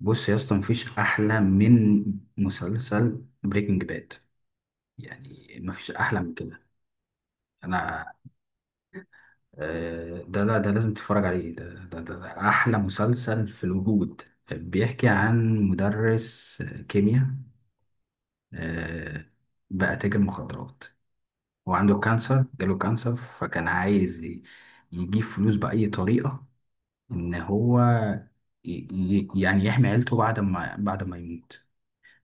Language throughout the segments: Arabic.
بص يا اسطى، مفيش احلى من مسلسل بريكنج باد، يعني مفيش احلى من كده. انا آه، ده لا، ده لازم تتفرج عليه. ده احلى مسلسل في الوجود. بيحكي عن مدرس كيمياء، آه، بقى تاجر مخدرات. هو عنده كانسر، جاله كانسر، فكان عايز يجيب فلوس بأي طريقة. ان هو يعني يحمي عيلته بعد ما يموت،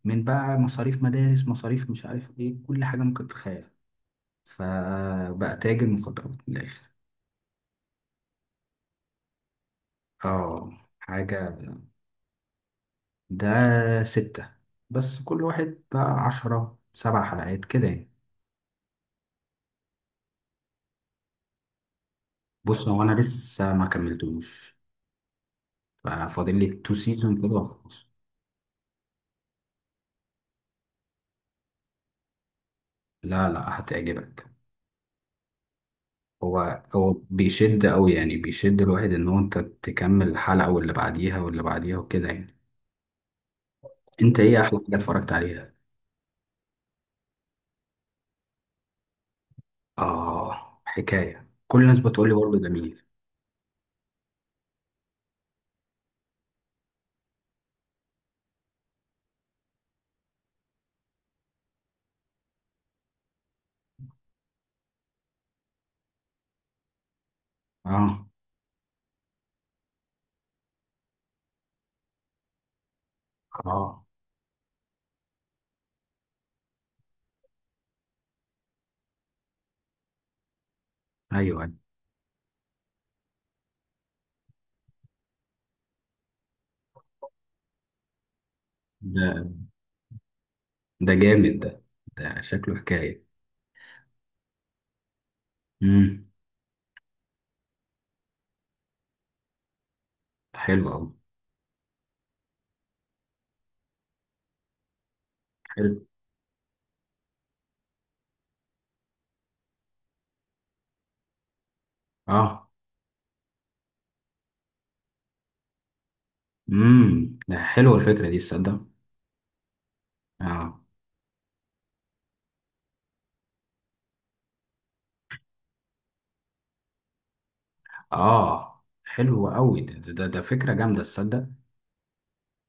من بقى مصاريف مدارس، مصاريف، مش عارف ايه، كل حاجة ممكن تتخيلها. فبقى تاجر مخدرات من الآخر. اه، حاجة. ده 6، بس كل واحد بقى 10، 7 حلقات كده يعني. بص هو أنا لسه ما كملتوش، فاضل لي تو سيزون كده وخلاص. لا لا، هتعجبك. هو بيشد أوي، يعني بيشد الواحد إن هو أنت تكمل الحلقة واللي بعديها واللي بعديها وكده يعني. أنت إيه أحلى حاجة اتفرجت عليها؟ آه، حكاية، كل الناس بتقول لي برضه جميل. آه آه أيوه. ده ده جامد ده. ده شكله حكاية. امم، حلو أوي. حلو. آه. امم، ده حلوة الفكرة دي، تصدق. آه. آه حلو أوي، ده فكرة جامدة، تصدق.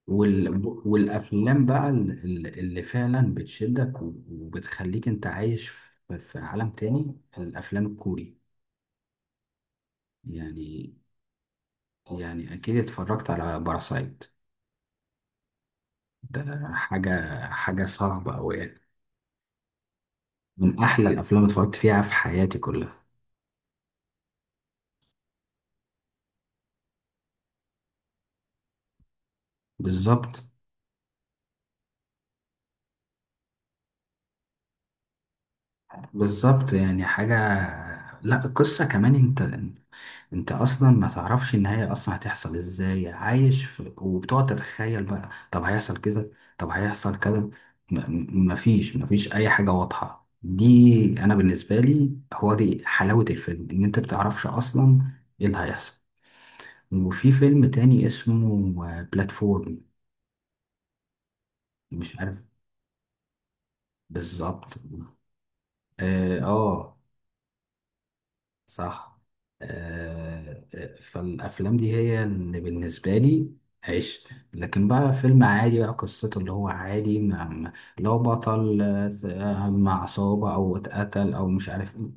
وال... والأفلام بقى اللي فعلا بتشدك و- وبتخليك أنت عايش في عالم تاني، الأفلام الكوري يعني. يعني أكيد اتفرجت على باراسايت. ده حاجة، حاجة صعبة أوي يعني. من أحلى الأفلام اللي اتفرجت فيها في حياتي كلها. بالظبط. بالظبط يعني حاجة. لا، القصة كمان، أنت أصلا ما تعرفش النهاية أصلا هتحصل إزاي، عايش في، وبتقعد تتخيل بقى، طب هيحصل كذا، طب هيحصل كذا، مفيش أي حاجة واضحة دي. أنا بالنسبة لي هو دي حلاوة الفيلم، إن أنت بتعرفش أصلا إيه اللي هيحصل. وفي فيلم تاني اسمه بلاتفورم، مش عارف. بالظبط. اه آه، صح. آه آه، فالافلام دي هي اللي بالنسبه لي عشق. لكن بقى فيلم عادي بقى قصته اللي هو عادي، اللي هو بطل، آه، مع عصابه او اتقتل او مش عارف ايه،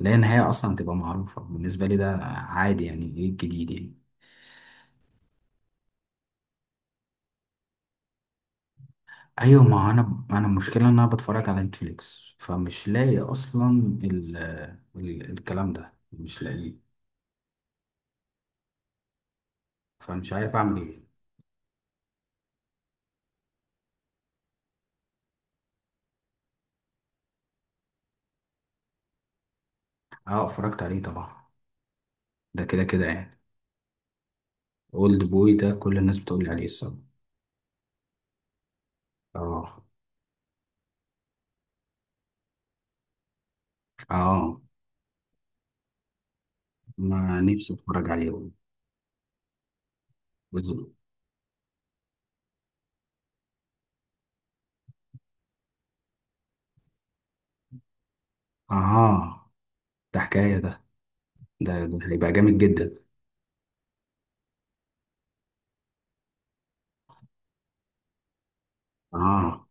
لا النهايه اصلا تبقى معروفه بالنسبه لي، ده عادي، يعني ايه الجديد يعني. ايوه، ما انا المشكله ان انا بتفرج على نتفليكس فمش لاقي اصلا، ال الكلام ده مش لاقيه. فمش عارف اعمل ايه. اه اتفرجت عليه طبعا، ده كده كده يعني. اولد بوي ده كل الناس بتقول لي عليه الصراحه. اه. اه، ما نفسي اتفرج عليه. بالظبط. اه، ده حكايه ده. ده هيبقى جامد جدا. اه.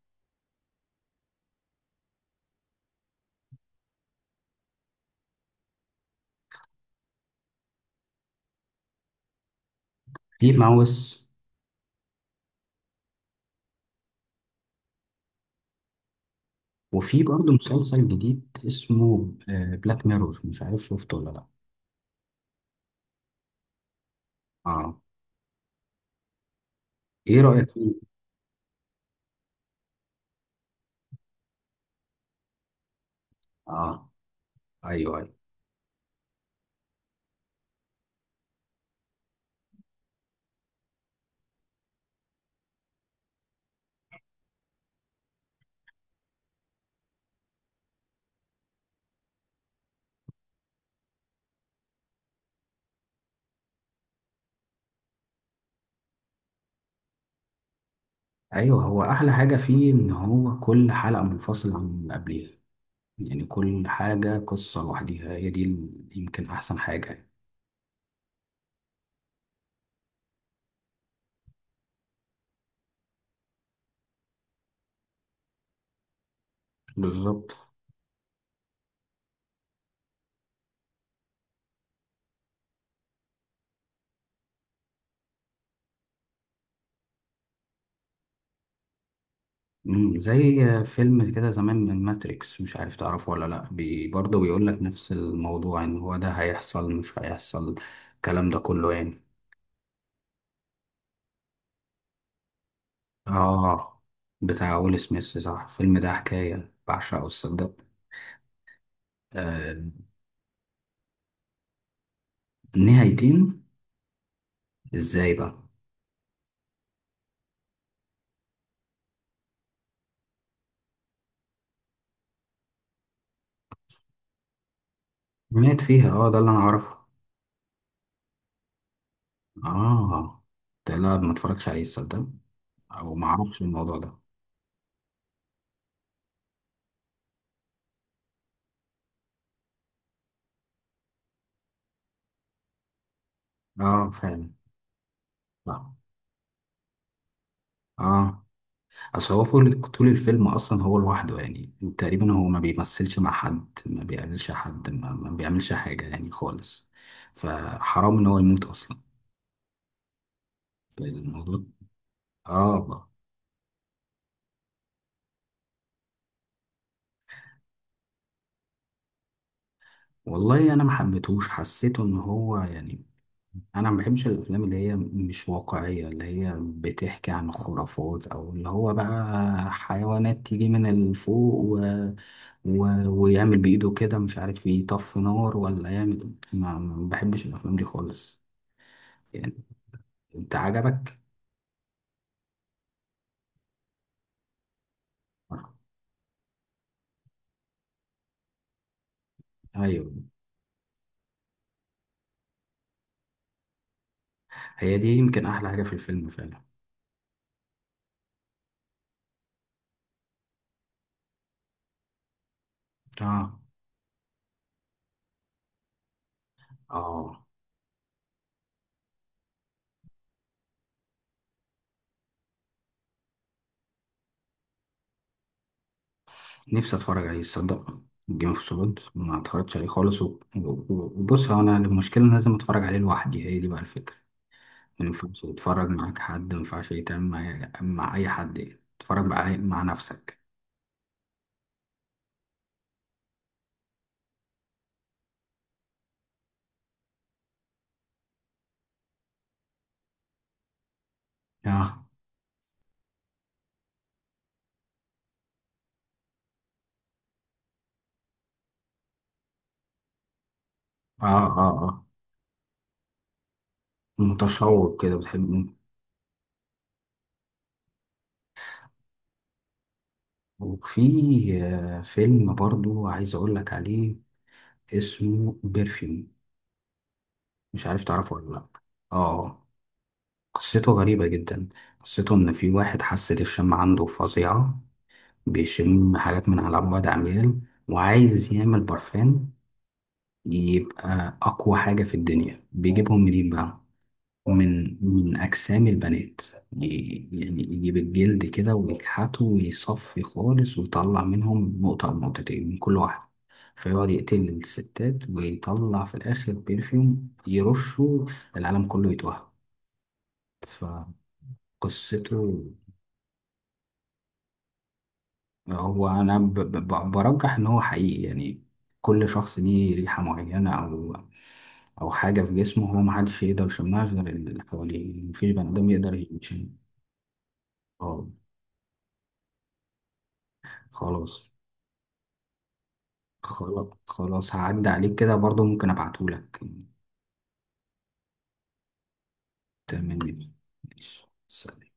في ماوس. وفي برضه مسلسل جديد اسمه بلاك ميرور، مش عارف شفته ولا لا. اه، ايه رايك فيه؟ اه ايوه ايوه. ايوه، هو احلى حاجه فيه ان هو كل حلقه منفصله عن اللي قبليها، يعني كل حاجة قصة لوحديها، هي دي يمكن أحسن حاجة يعني. بالظبط. مم، زي فيلم كده زمان من ماتريكس، مش عارف تعرفه ولا لأ، بي برضه بيقول لك نفس الموضوع إن هو ده هيحصل مش هيحصل، الكلام ده كله يعني. آه، بتاع ويل سميث، صح؟ الفيلم ده حكاية، بعشقه الصدق. آه. نهايتين؟ إزاي بقى؟ مات فيها، آه، ده اللي أنا أعرفه. آه، ده لا، ما اتفرجتش عليه الصدق، أو ما أعرفش الموضوع ده. آه، فعلا، صح. اه، اصل هو فول طول الفيلم اصلا، هو لوحده يعني تقريبا، هو ما بيمثلش مع حد، ما بيقابلش حد، ما, ما بيعملش حاجة يعني خالص، فحرام ان هو يموت اصلا. الموضوع. اه. والله انا ما حبيتهوش، حسيته ان هو يعني، انا ما بحبش الافلام اللي هي مش واقعيه، اللي هي بتحكي عن خرافات، او اللي هو بقى حيوانات تيجي من الفوق و... ويعمل بايده كده، مش عارف يطفي نار ولا يعمل، ما بحبش الافلام دي خالص يعني. انت عجبك؟ ايوه، هي دي يمكن احلى حاجه في الفيلم فعلا. اه. اه نفسي اتفرج عليه تصدق، جيم اوف ثرونز ما اتفرجتش عليه خالص و- و- وبص هو انا المشكله إن أنا لازم اتفرج عليه لوحدي، هي دي بقى الفكره. ما ينفعش تتفرج معاك حد، ما ينفعش يتعمل مع أي حد يعني، تتفرج مع نفسك. آه آه آه آه، متشوق كده بتحب. وفي آه، فيلم برضو عايز أقول لك عليه اسمه بيرفيوم، مش عارف تعرفه ولا لأ. آه. قصته غريبة جدا. قصته إن في واحد حاسة الشم عنده فظيعة، بيشم حاجات من على بعد عميال، وعايز يعمل برفان يبقى أقوى حاجة في الدنيا. بيجيبهم منين بقى؟ ومن أجسام البنات. يعني يجيب الجلد كده ويكحته ويصفي خالص، ويطلع منهم نقطة أو نقطتين من كل واحدة، فيقعد يقتل الستات ويطلع في الآخر بيرفيوم يرشه، العالم كله يتوهم، فقصته. هو أنا برجح إن هو حقيقي يعني، كل شخص ليه ريحة معينة أو أو حاجة في جسمه هو، محدش يقدر يشمها غير اللي حواليه، مفيش بني آدم يقدر يشم. اه. خلاص خلاص هعدي عليك كده برضو، ممكن ابعتهولك. تمام. ماشي.